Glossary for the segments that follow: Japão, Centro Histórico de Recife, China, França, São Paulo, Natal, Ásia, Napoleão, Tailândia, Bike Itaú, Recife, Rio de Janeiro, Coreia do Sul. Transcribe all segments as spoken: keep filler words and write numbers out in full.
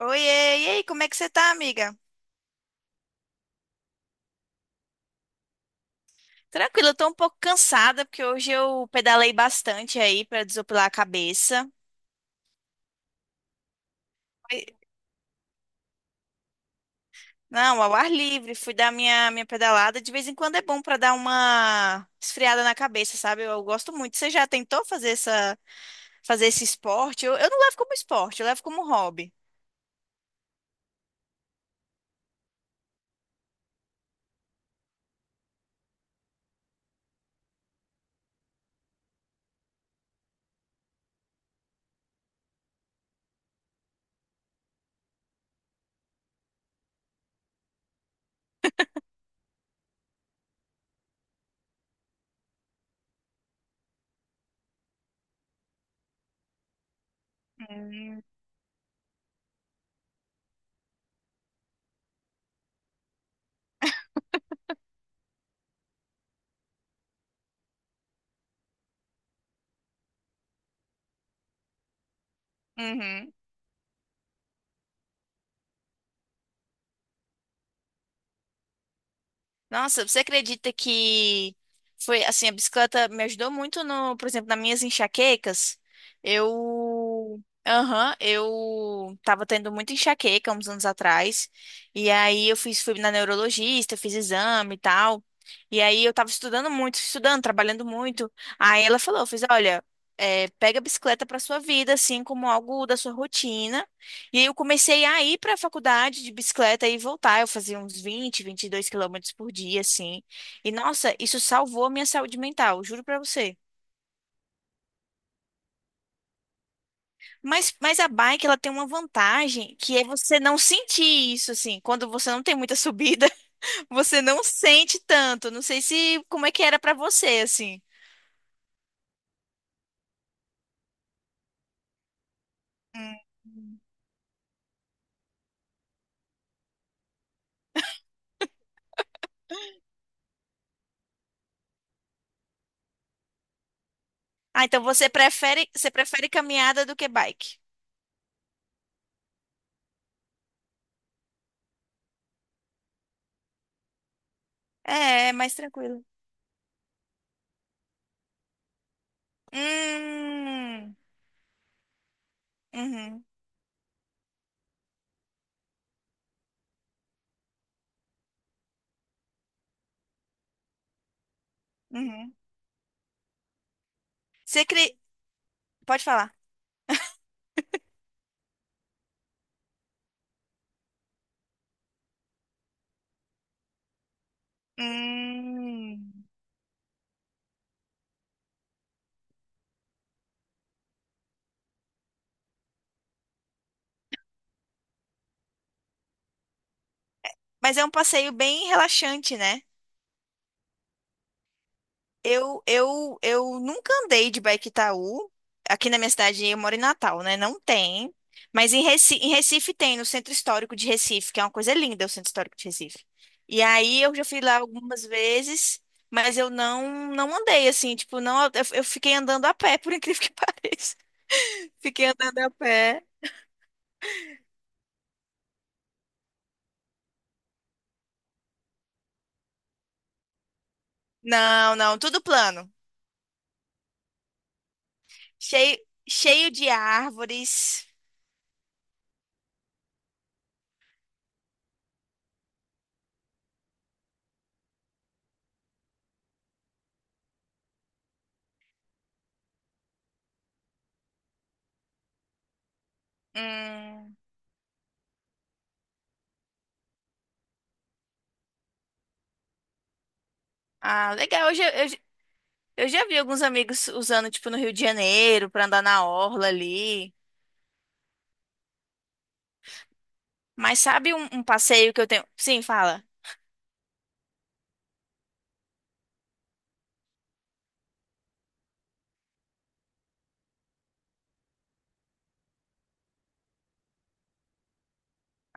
Oiê, e aí, como é que você tá, amiga? Tranquilo, eu tô um pouco cansada, porque hoje eu pedalei bastante aí pra desopilar a cabeça. Foi- Não, ao ar livre, fui dar minha, minha pedalada. De vez em quando é bom pra dar uma esfriada na cabeça, sabe? Eu, eu gosto muito. Você já tentou fazer essa, fazer esse esporte? Eu, eu não levo como esporte, eu levo como hobby. Hum. Uhum. Nossa, você acredita que foi assim, a bicicleta me ajudou muito no, por exemplo, nas minhas enxaquecas. Eu, aham, eu tava tendo muita enxaqueca uns anos atrás. E aí eu fiz fui na neurologista, fiz exame e tal. E aí eu tava estudando muito, estudando, trabalhando muito. Aí ela falou, eu fiz, olha, é, pega a bicicleta pra sua vida, assim como algo da sua rotina. E aí eu comecei a ir para a faculdade de bicicleta e voltar. Eu fazia uns vinte vinte e dois quilômetros por dia, assim. E nossa, isso salvou a minha saúde mental, juro para você. Mas, mas a bike, ela tem uma vantagem que é você não sentir isso, assim. Quando você não tem muita subida, você não sente tanto. Não sei se como é que era para você, assim. Hum. Ah, então você prefere, você prefere caminhada do que bike? É, é mais tranquilo. Hum, uhum, uhum. Você cri... Pode falar. Hum, mas é um passeio bem relaxante, né? Eu, eu, eu nunca andei de Bike Itaú. Aqui na minha cidade, eu moro em Natal, né? Não tem. Mas em Recife, em Recife tem, no Centro Histórico de Recife, que é uma coisa linda, o Centro Histórico de Recife. E aí eu já fui lá algumas vezes, mas eu não, não andei assim, tipo, não, eu, eu fiquei andando a pé, por incrível que pareça. Fiquei andando a pé. Não, não, tudo plano. Cheio, cheio de árvores. Hum, ah, legal. Eu já, eu, já eu já vi alguns amigos usando, tipo, no Rio de Janeiro, pra andar na orla ali. Mas sabe um, um passeio que eu tenho? Sim, fala.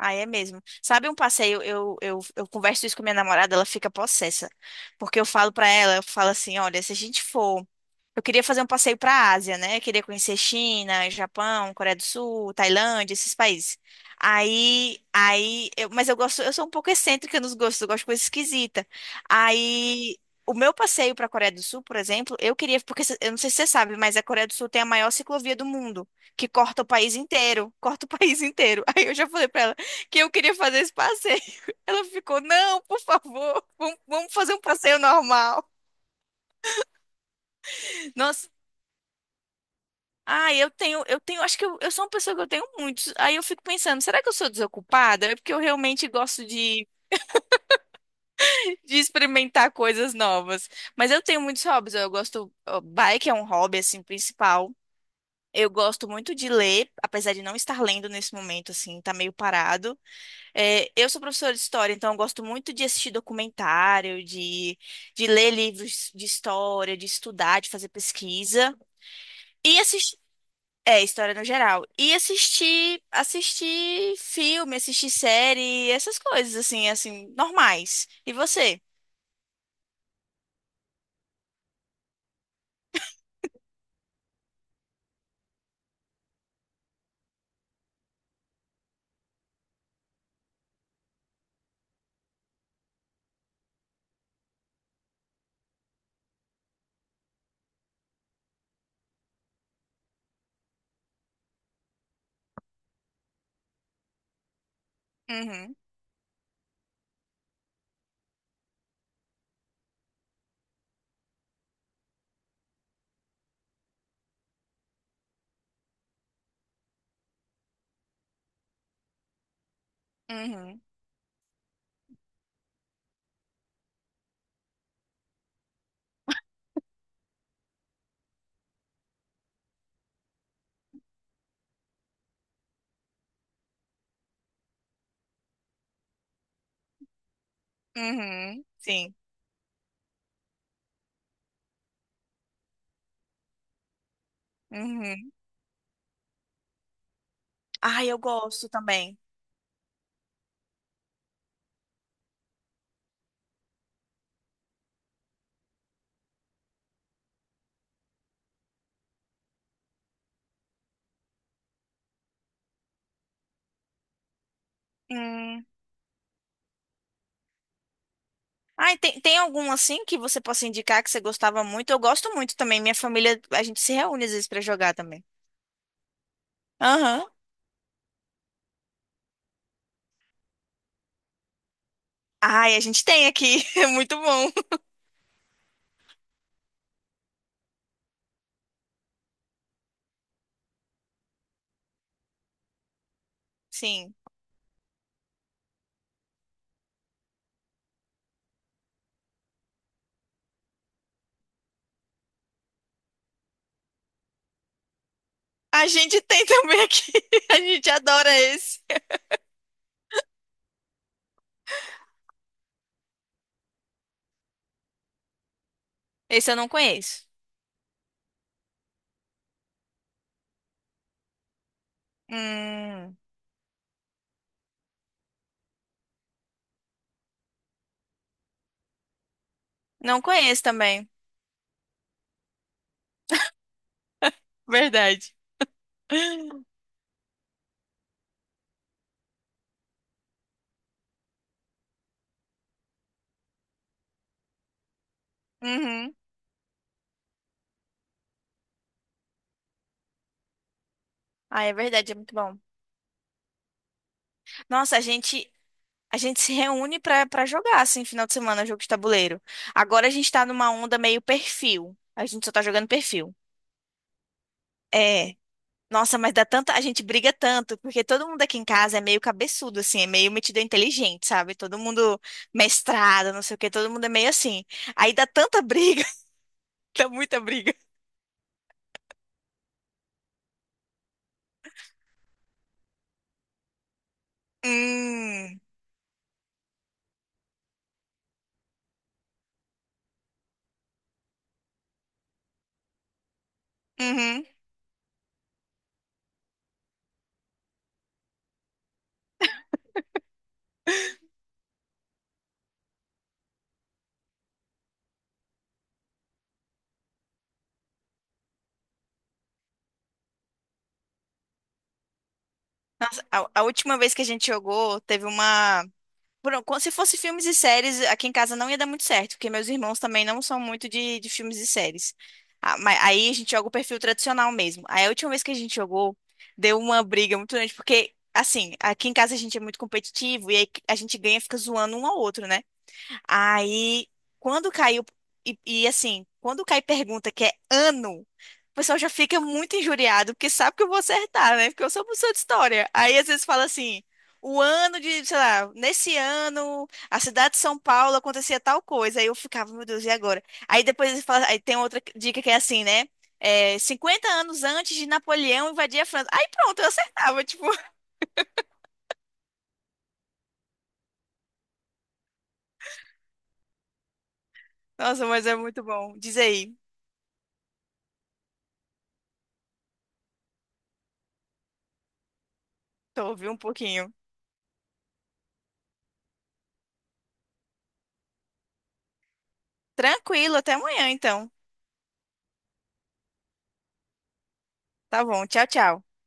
Ah, é mesmo. Sabe um passeio? Eu, eu, eu converso isso com minha namorada, ela fica possessa. Porque eu falo pra ela, eu falo assim: olha, se a gente for. Eu queria fazer um passeio para a Ásia, né? Eu queria conhecer China, Japão, Coreia do Sul, Tailândia, esses países. Aí, aí, eu- mas eu gosto, eu sou um pouco excêntrica nos gostos, eu gosto de coisa esquisita. Aí, o meu passeio para a Coreia do Sul, por exemplo, eu queria, porque cê- eu não sei se você sabe, mas a Coreia do Sul tem a maior ciclovia do mundo, que corta o país inteiro, corta o país inteiro. Aí eu já falei para ela que eu queria fazer esse passeio. Ela ficou, não, por favor, vamos, vamos fazer um passeio normal. Nossa, ah, eu tenho, eu tenho, acho que eu, eu sou uma pessoa que eu tenho muitos. Aí eu fico pensando, será que eu sou desocupada? É porque eu realmente gosto de, de experimentar coisas novas. Mas eu tenho muitos hobbies. Eu gosto, ó, bike é um hobby assim principal. Eu gosto muito de ler, apesar de não estar lendo nesse momento, assim, tá meio parado. É, eu sou professora de história, então eu gosto muito de assistir documentário, de, de ler livros de história, de estudar, de fazer pesquisa. E é, história no geral. E assistir, assistir filme, assistir série, essas coisas assim, assim, normais. E você? Uhum, uhum, uhum, sim. Uhum. Ai, eu gosto também. Hum. Ai, tem, tem algum assim que você possa indicar que você gostava muito? Eu gosto muito também. Minha família, a gente se reúne às vezes pra jogar também. Aham. Ai, a gente tem aqui. É muito bom. Sim. A gente tem também aqui. A gente adora esse. Esse eu não conheço. Hum, não conheço também. Verdade. Uhum. Ah, é verdade, é muito bom. Nossa, a gente a gente se reúne pra para jogar assim final de semana jogo de tabuleiro. Agora a gente tá numa onda meio perfil. A gente só tá jogando perfil. É. Nossa, mas dá tanta, a gente briga tanto, porque todo mundo aqui em casa é meio cabeçudo assim, é meio metido inteligente, sabe? Todo mundo mestrado, não sei o quê, todo mundo é meio assim. Aí dá tanta briga, dá muita briga. Hum. Uhum. A, a última vez que a gente jogou, teve uma. Por- como Se fosse filmes e séries, aqui em casa não ia dar muito certo, porque meus irmãos também não são muito de, de filmes e séries. Ah, mas aí a gente joga o perfil tradicional mesmo. Aí a última vez que a gente jogou, deu uma briga muito grande, porque, assim, aqui em casa a gente é muito competitivo e aí a gente ganha e fica zoando um ao outro, né? Aí, quando caiu, e, e, assim, quando cai pergunta que é ano, o pessoal já fica muito injuriado, porque sabe que eu vou acertar, né? Porque eu sou professor de história. Aí, às vezes, fala assim, o ano de, sei lá, nesse ano, a cidade de São Paulo acontecia tal coisa. Aí eu ficava, meu Deus, e agora? Aí depois eles falam, aí tem outra dica que é assim, né? É, cinquenta anos antes de Napoleão invadir a França. Aí pronto, eu acertava, tipo, nossa, mas é muito bom. Diz aí, tô ouvindo um pouquinho. Tranquilo, até amanhã, então. Tá bom, tchau, tchau.